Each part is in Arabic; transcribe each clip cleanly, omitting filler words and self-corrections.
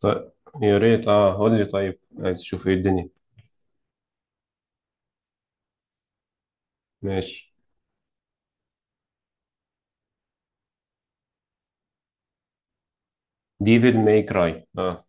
طيب، يا ريت قول لي. طيب عايز تشوف ايه الدنيا؟ ماشي. ديفيد ماي كراي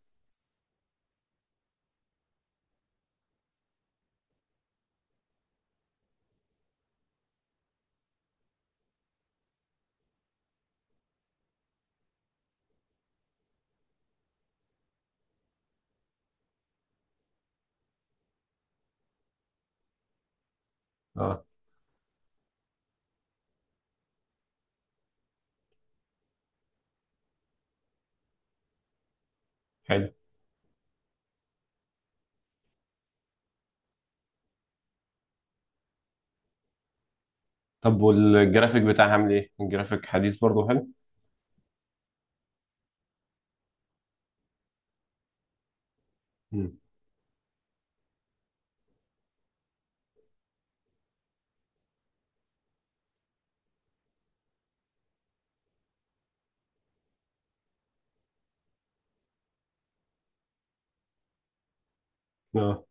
اه حلو. طب والجرافيك بتاعها عامل ايه؟ الجرافيك حديث برضه حلو. مم. اه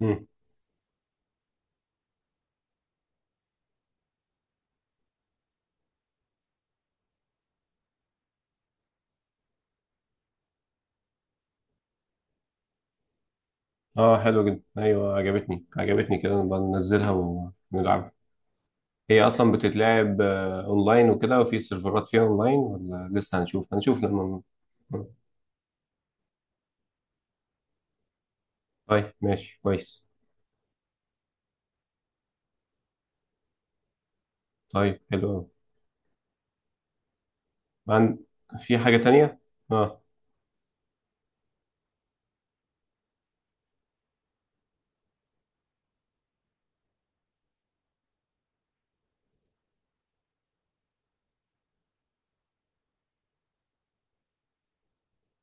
مم. اه حلو جدا، ايوه عجبتني، عجبتني كده، نبقى ننزلها ونلعبها. هي اصلا بتتلعب اونلاين وكده وفي سيرفرات فيها اونلاين ولا لسه؟ هنشوف، لما. مم. طيب ماشي كويس. طيب حلو أوي. عن... في حاجة تانية؟ اه.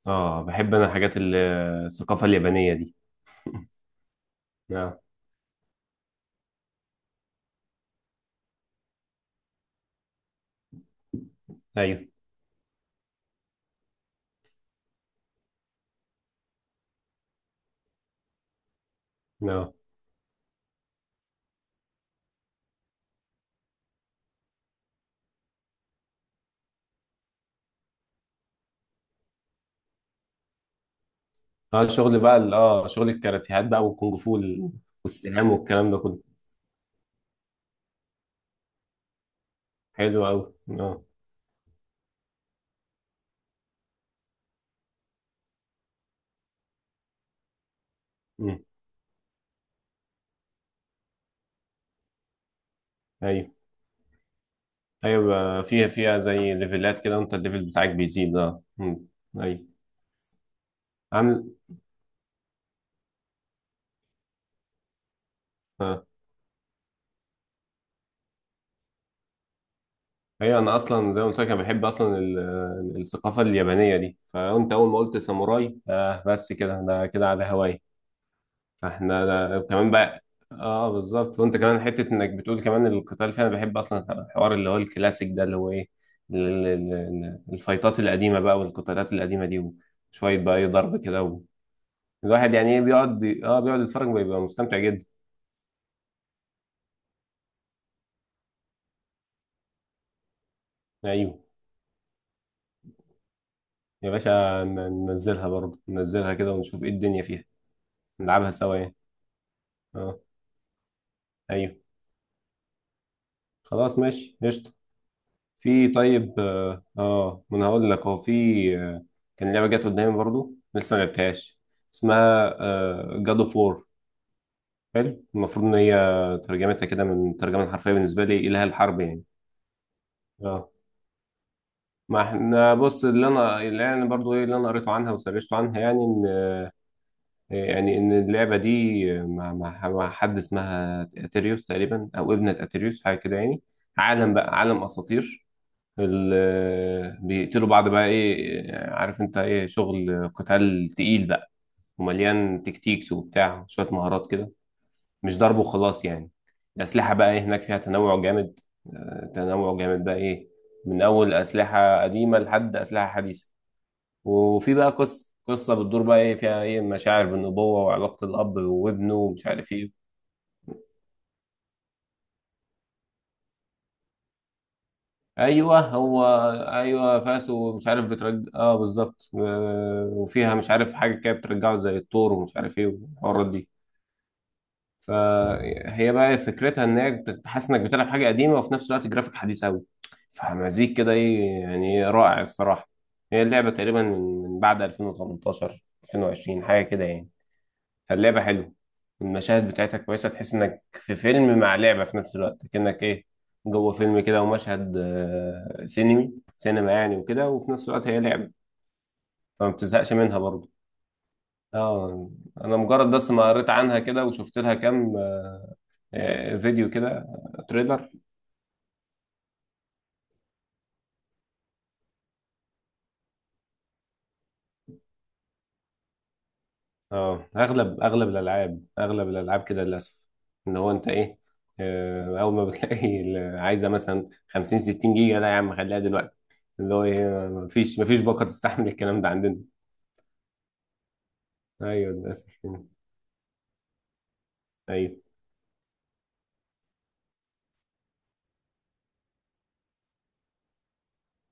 اه بحب انا الحاجات الثقافة اليابانية دي. نعم. ايوه. نعم. اه شغل بقى شغل الكاراتيهات بقى والكونغ فو والسهام والكلام ده كله. حلو قوي. اه أمم. ايوه. ايوه فيها، زي ليفلات كده، وانت الليفل بتاعك بيزيد. اه أمم. ايوه. عامل اه ايوه. انا اصلا زي ما قلت لك، انا بحب اصلا الثقافه اليابانيه دي. فانت اول ما قلت ساموراي بس كده انا كده على هواي. احنا ده كمان بقى. اه بالظبط. وانت كمان حته انك بتقول كمان القتال فيها، انا بحب اصلا الحوار اللي هو الكلاسيك ده، اللي هو ايه، الفايتات القديمه بقى والقتالات القديمه دي، وشويه بقى ايه ضرب كده و... الواحد يعني ايه بيقعد بيقعد يتفرج، بيبقى مستمتع جدا. ايوه يا باشا، ننزلها برضه، ننزلها كده ونشوف ايه الدنيا فيها. نلعبها سوا يعني. اه. ايوه. خلاص ماشي قشطه. في. طيب ما انا هقول لك، هو في آه، كان لعبه جت قدامي برضو لسه ما لعبتهاش، اسمها جاد اوف وور. حلو. المفروض ان هي ترجمتها كده من الترجمه الحرفيه بالنسبه لي اله الحرب يعني. اه. ما احنا بص، اللي يعني برضو ايه اللي انا قريته عنها وسرشته عنها، يعني ان يعني ان اللعبه دي مع حد اسمها اتريوس تقريبا، او ابنه اتريوس حاجه كده يعني. عالم بقى، عالم اساطير. بيقتلوا بعض بقى، ايه عارف انت، ايه شغل قتال تقيل بقى، ومليان تكتيكس وبتاع، شوية مهارات كده، مش ضرب وخلاص يعني. الأسلحة بقى ايه هناك، فيها تنوع جامد، تنوع جامد بقى ايه، من أول أسلحة قديمة لحد أسلحة حديثة. وفي بقى قصة بتدور بقى ايه فيها، ايه مشاعر بالنبوة وعلاقة الأب وابنه ومش عارف ايه. ايوه هو. ايوه فاسو مش عارف بترجع، اه بالظبط. وفيها مش عارف حاجه كده بترجعه زي التور ومش عارف ايه والحوارات دي. فهي بقى فكرتها ان هي تحس انك بتلعب حاجه قديمه وفي نفس الوقت جرافيك حديث قوي، فمزيج كده ايه يعني، رائع الصراحه. هي اللعبه تقريبا من من بعد 2018، 2020 حاجه كده يعني. فاللعبة حلوة، المشاهد بتاعتها كويسة، تحس انك في فيلم مع لعبة في نفس الوقت، كأنك ايه جوه فيلم كده، ومشهد سينمي، سينما يعني، وكده، وفي نفس الوقت هي لعبة، فما بتزهقش منها برضه. اه. انا مجرد بس ما قريت عنها كده وشفت لها كام فيديو كده، تريلر. اه اغلب، اغلب الالعاب كده للاسف، ان هو انت ايه، اول ما بتلاقي عايزه مثلا 50 60 جيجا، لا يا عم خليها دلوقتي، اللي هو ايه، مفيش باقه تستحمل الكلام ده عندنا. ايوه للاسف. ايوه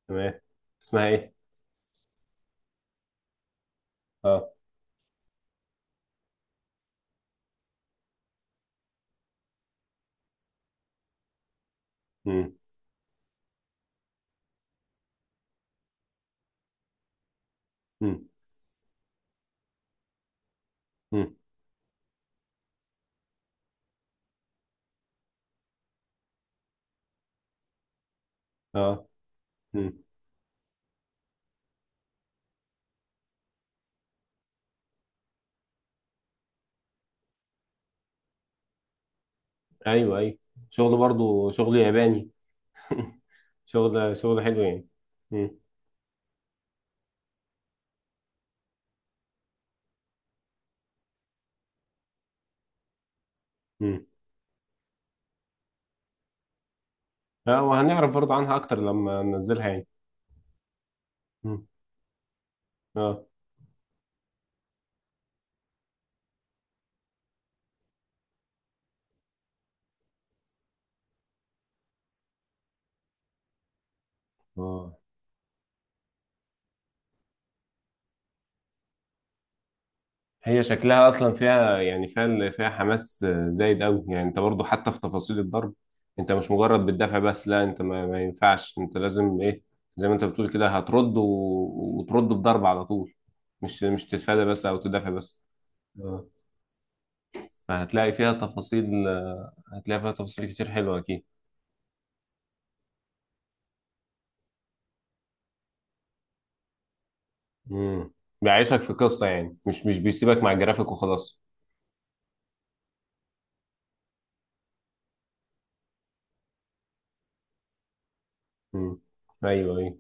تمام. اسمها ايه؟ اه امم امم امم اه امم ايوه. ايوه شغل برضو شغل ياباني، شغل حلو يعني. امم امم اه. وهنعرف برضو عنها اكتر لما ننزلها يعني. امم اه. اه. هي شكلها اصلا فيها يعني، فيها حماس زايد قوي يعني، انت برضو حتى في تفاصيل الضرب، انت مش مجرد بتدافع بس، لا انت ما, ما ينفعش، انت لازم ايه زي ما انت بتقول كده، هترد و... وترد بضرب على طول، مش تتفادى بس او تدافع بس. اه. فهتلاقي فيها تفاصيل، هتلاقي فيها تفاصيل كتير حلوة اكيد. امم بيعيشك في قصة يعني، مش، مش بيسيبك مع الجرافيك وخلاص. امم ايوه. ايوه.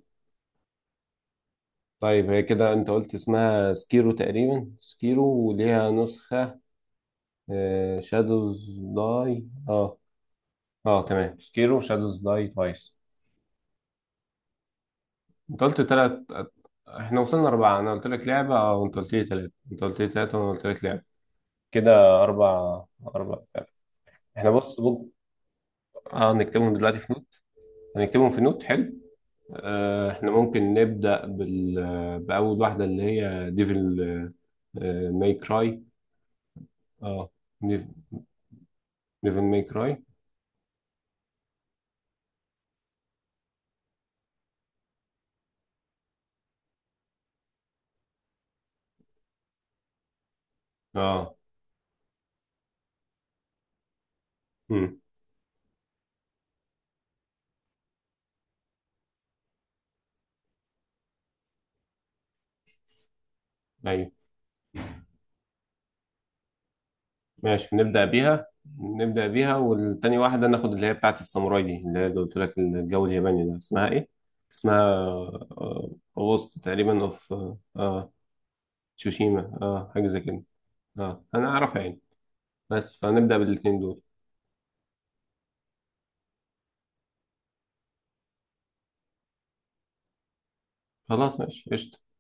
طيب هي كده انت قلت اسمها سكيرو تقريبا، سكيرو وليها نسخة شادوز داي. اه. اه تمام، سكيرو شادوز داي توايس. انت قلت تلات، احنا وصلنا اربعة، انا قلت لك لعبة وانت قلت لي تلاتة. انت قلت لي تلاتة وانا قلت لك لعبة، كده اربع، اربع لعبة. احنا بص. اه نكتبهم دلوقتي في نوت، هنكتبهم في نوت. حلو. احنا ممكن نبدأ بأول واحدة اللي هي ديفل ماي كراي. اه ديفل ماي كراي. اه مم. أيوه. ماشي نبدأ بيها. نبدأ بيها، والتاني واحدة ناخد اللي هي بتاعة الساموراي دي، اللي هي قلت لك الجو الياباني ده، اسمها ايه؟ اسمها أغسطس تقريبا اوف تسوشيما، اه حاجة زي كده. اه أنا أعرفها يعني. بس فنبدأ بالاتنين دول. خلاص ماشي قشطة.